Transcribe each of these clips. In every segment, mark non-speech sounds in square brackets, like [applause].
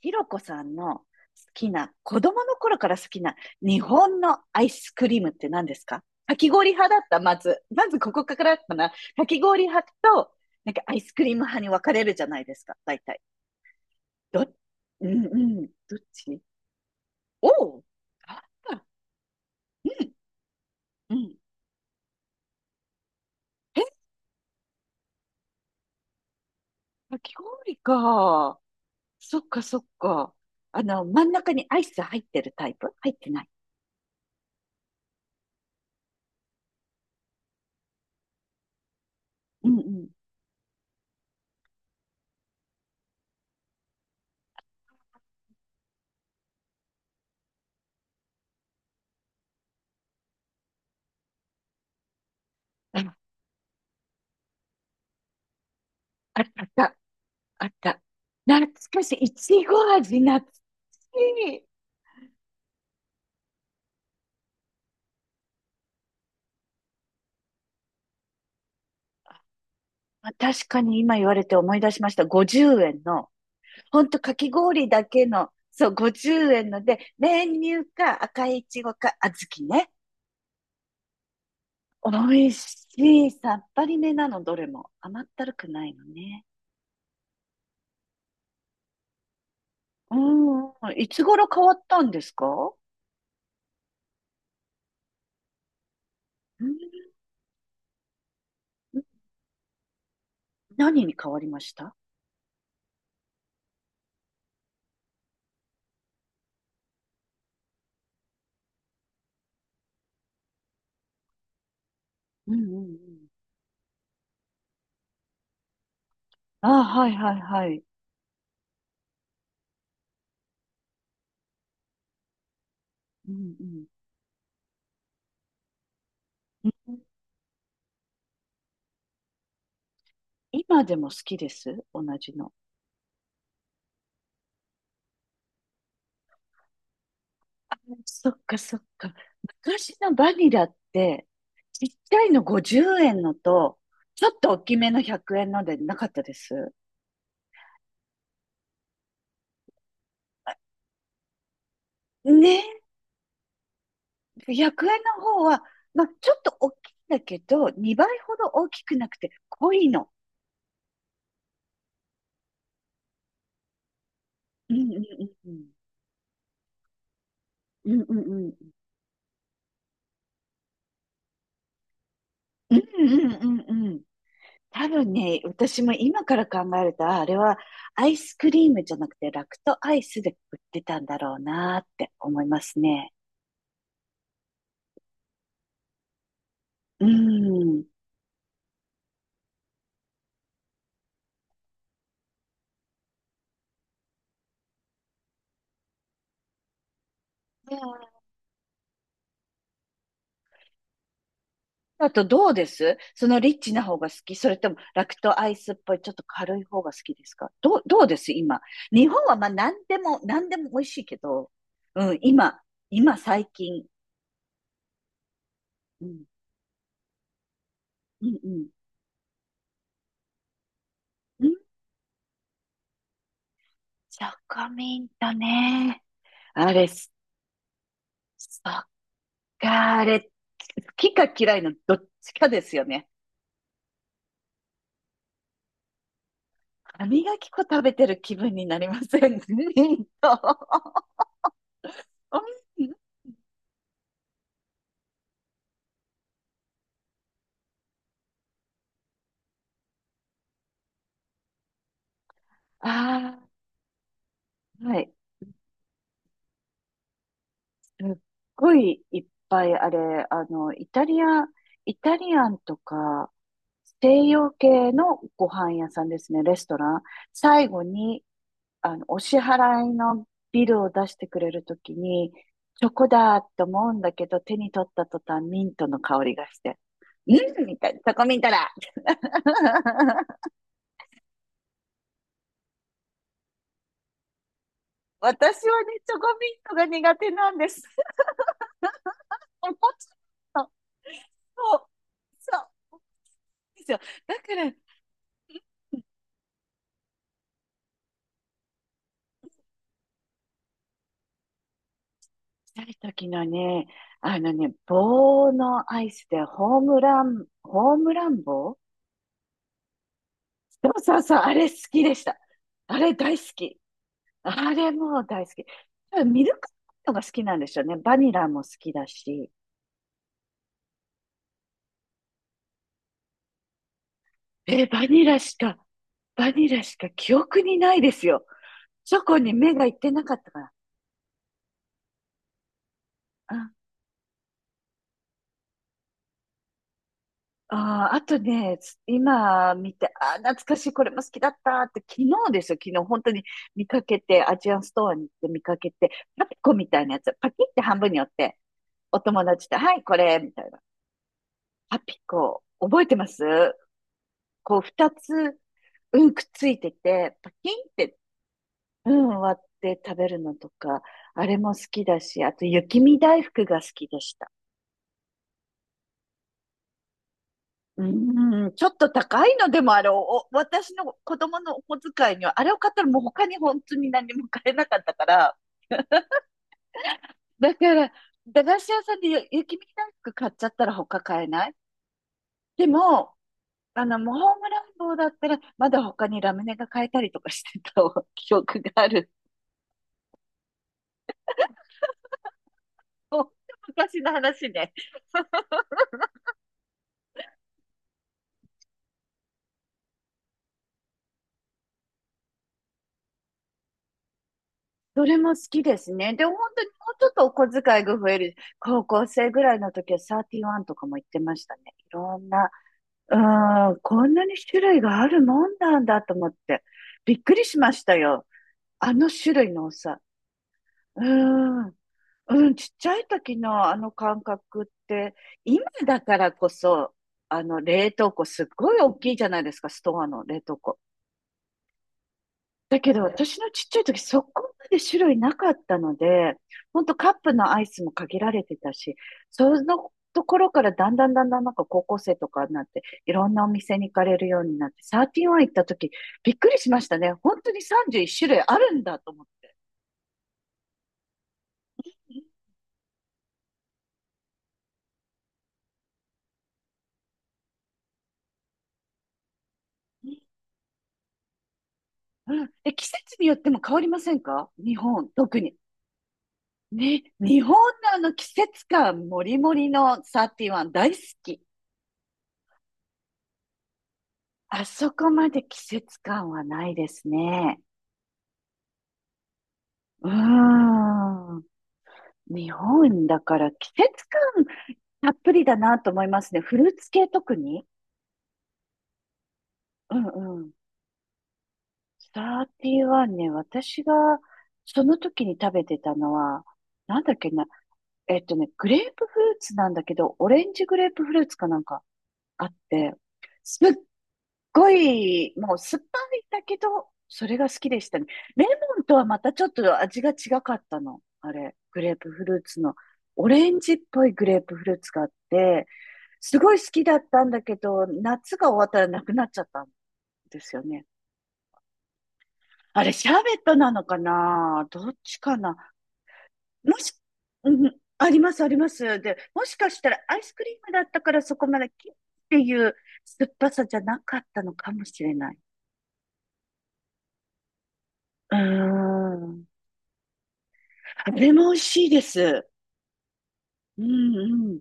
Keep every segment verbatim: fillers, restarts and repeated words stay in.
ひろこさんの好きな、子供の頃から好きな日本のアイスクリームって何ですか？かき氷派だった、まず。まずここからかな。かき氷派と、なんかアイスクリーム派に分かれるじゃないですか、大体。ど、うんうん、どっち？おう、あ、うん、うん。え、かき氷か。そっかそっか。あの、真ん中にアイス入ってるタイプ？入ってない？うんうん。あ、あったあった。あった。懐かしい。いちご味、懐かしい。あ、確かに今言われて思い出しました。ごじゅうえんの、ほんとかき氷だけの、そう、ごじゅうえんので、練乳か赤いいちごか小豆ね。美味しい。さっぱりめなの、どれも。甘ったるくないのね。うん。いつ頃変わったんですか？うん。何に変わりました？うんうんうん。あ、はいはいはい。うんうん。うん。今でも好きです。同じの。そっかそっか。昔のバニラって、ちっちゃいのごじゅうえんのと、ちょっと大きめのひゃくえんのでなかったです？ね。ひゃくえんの方は、まあ、ちょっと大きいんだけど、にばいほど大きくなくて濃いの。うんうんうんうん。うんうんうん。うんうんうんうん。多分ね、私も今から考えると、ああれはアイスクリームじゃなくてラクトアイスで売ってたんだろうなって思いますね。うん。うん。だとどうです？そのリッチな方が好き？それともラクトアイスっぽいちょっと軽い方が好きですか？どう、どうです今？日本はまあ何でも、何でも美味しいけど、うん、今、今最近。うん、うん、うん。うん、チョコミントね。あれ、そっか、あれ、好きか嫌いのどっちかですよね。歯磨き粉食べてる気分になりません？ [laughs] ミント。[laughs] ああ、はい。すっごいいっぱいあれ、あの、イタリア、イタリアンとか、西洋系のご飯屋さんですね、レストラン。最後に、あの、お支払いのビルを出してくれるときに、チョコだと思うんだけど、手に取った途端、ミントの香りがして。うんみたいな、チョコミントだ。 [laughs] 私はね、チョコミントが苦手なんです。[laughs] おもちろそう、そうですよ。だから、ちっい時のね、あのね、棒のアイスでホームラン、ホームラン棒？そうそうそう、あれ好きでした。あれ大好き。あれもう大好き。多分ミルクのが好きなんですよね。バニラも好きだし。え、バニラしか、バニラしか記憶にないですよ。チョコに目がいってなかったから。ああ、あとね、つ今見て、ああ、懐かしい、これも好きだったって、昨日ですよ、昨日、本当に見かけて、アジアンストアに行って見かけて、パピコみたいなやつ、パキって半分に折って、お友達と、はい、これ、みたいな。パピコ、覚えてます？こう、二つ、うん、くっついてて、パキンって、うん、割って食べるのとか、あれも好きだし、あと、雪見大福が好きでした。うーん、ちょっと高いのでもあれを、お私の子供のお小遣いには、あれを買ったらもう他に本当に何も買えなかったから、だから、駄菓子屋さんでゆ雪見大福買っちゃったら他買えない。でも、あの、もうホームランボーだったら、まだ他にラムネが買えたりとかしてた [laughs] 記憶がある。ほんと昔の話ね。[laughs] どれも好きですね。で、本当にもうちょっとお小遣いが増える。高校生ぐらいの時はサーティワンとかも行ってましたね。いろんな、うん、こんなに種類があるもんなんだと思って、びっくりしましたよ。あの種類の多さ。うん、うん、ちっちゃい時のあの感覚って、今だからこそ、あの冷凍庫すっごい大きいじゃないですか、ストアの冷凍庫。だけど、私のちっちゃい時、そこまで種類なかったので、ほんとカップのアイスも限られてたし、そのところからだんだんだんだんなんか高校生とかになって、いろんなお店に行かれるようになって、サーティワン行った時、びっくりしましたね。本当にさんじゅういち種類あるんだと思って。うん。で、季節によっても変わりませんか？日本、特に。ね、日本のあの季節感もりもりのサーティワン大好き。あそこまで季節感はないですね。うーん。日本だから季節感たっぷりだなと思いますね。フルーツ系特に。うんうん。サーティワンね、私がその時に食べてたのは、なんだっけな、えっとね、グレープフルーツなんだけど、オレンジグレープフルーツかなんかあって、すっごい、もう酸っぱいんだけど、それが好きでしたね。レモンとはまたちょっと味が違かったの。あれ、グレープフルーツの、オレンジっぽいグレープフルーツがあって、すごい好きだったんだけど、夏が終わったらなくなっちゃったんですよね。あれ、シャーベットなのかな？どっちかな？もし、うん、あります、あります。で、もしかしたらアイスクリームだったからそこまでキッっていう酸っぱさじゃなかったのかもしれない。うーん。あれも美味しいです。うんうん。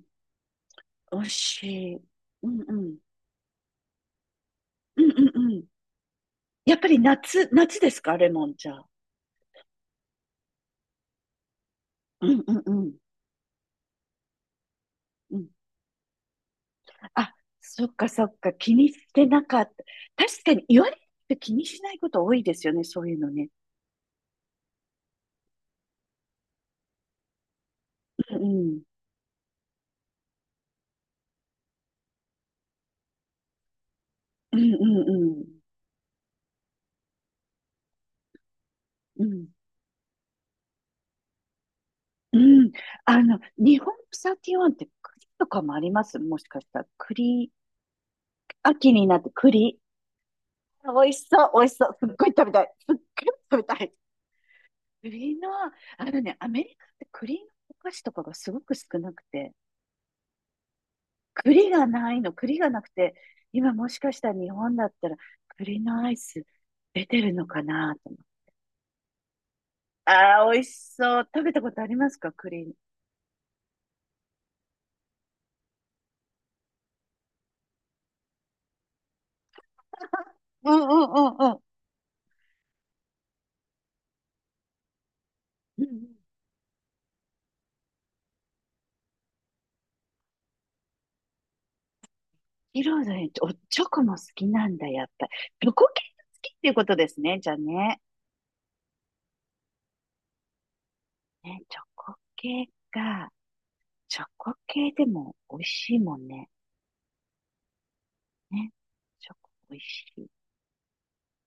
美味しい。うんうん。うんうんうん。やっぱり夏、夏ですか、レモンじゃあ？うんうんうん。うん。あ、そっかそっか。気にしてなかった。確かに言われて気にしないこと多いですよね、そういうのね。うんうん。うんうんうん。うん。うん。あの、日本サーティワンって栗とかもあります？もしかしたら。栗、秋になって栗。美味しそう、美味しそう。すっごい食べたい。すっごい食べたい。栗の、あのね、アメリカって栗のお菓子とかがすごく少なくて、栗がないの、栗がなくて、今もしかしたら日本だったら栗のアイス出てるのかなと思って。ああ、美味しそう。食べたことありますか？栗。うんうんうんうん。うんうん。色ロおチョコも好きなんだ、やっぱり。チョコ系が好きっていうことですね、じゃあね。ね、チョコ系か。チョコ系でも美味しいもんね。ね、チョコ美味しい。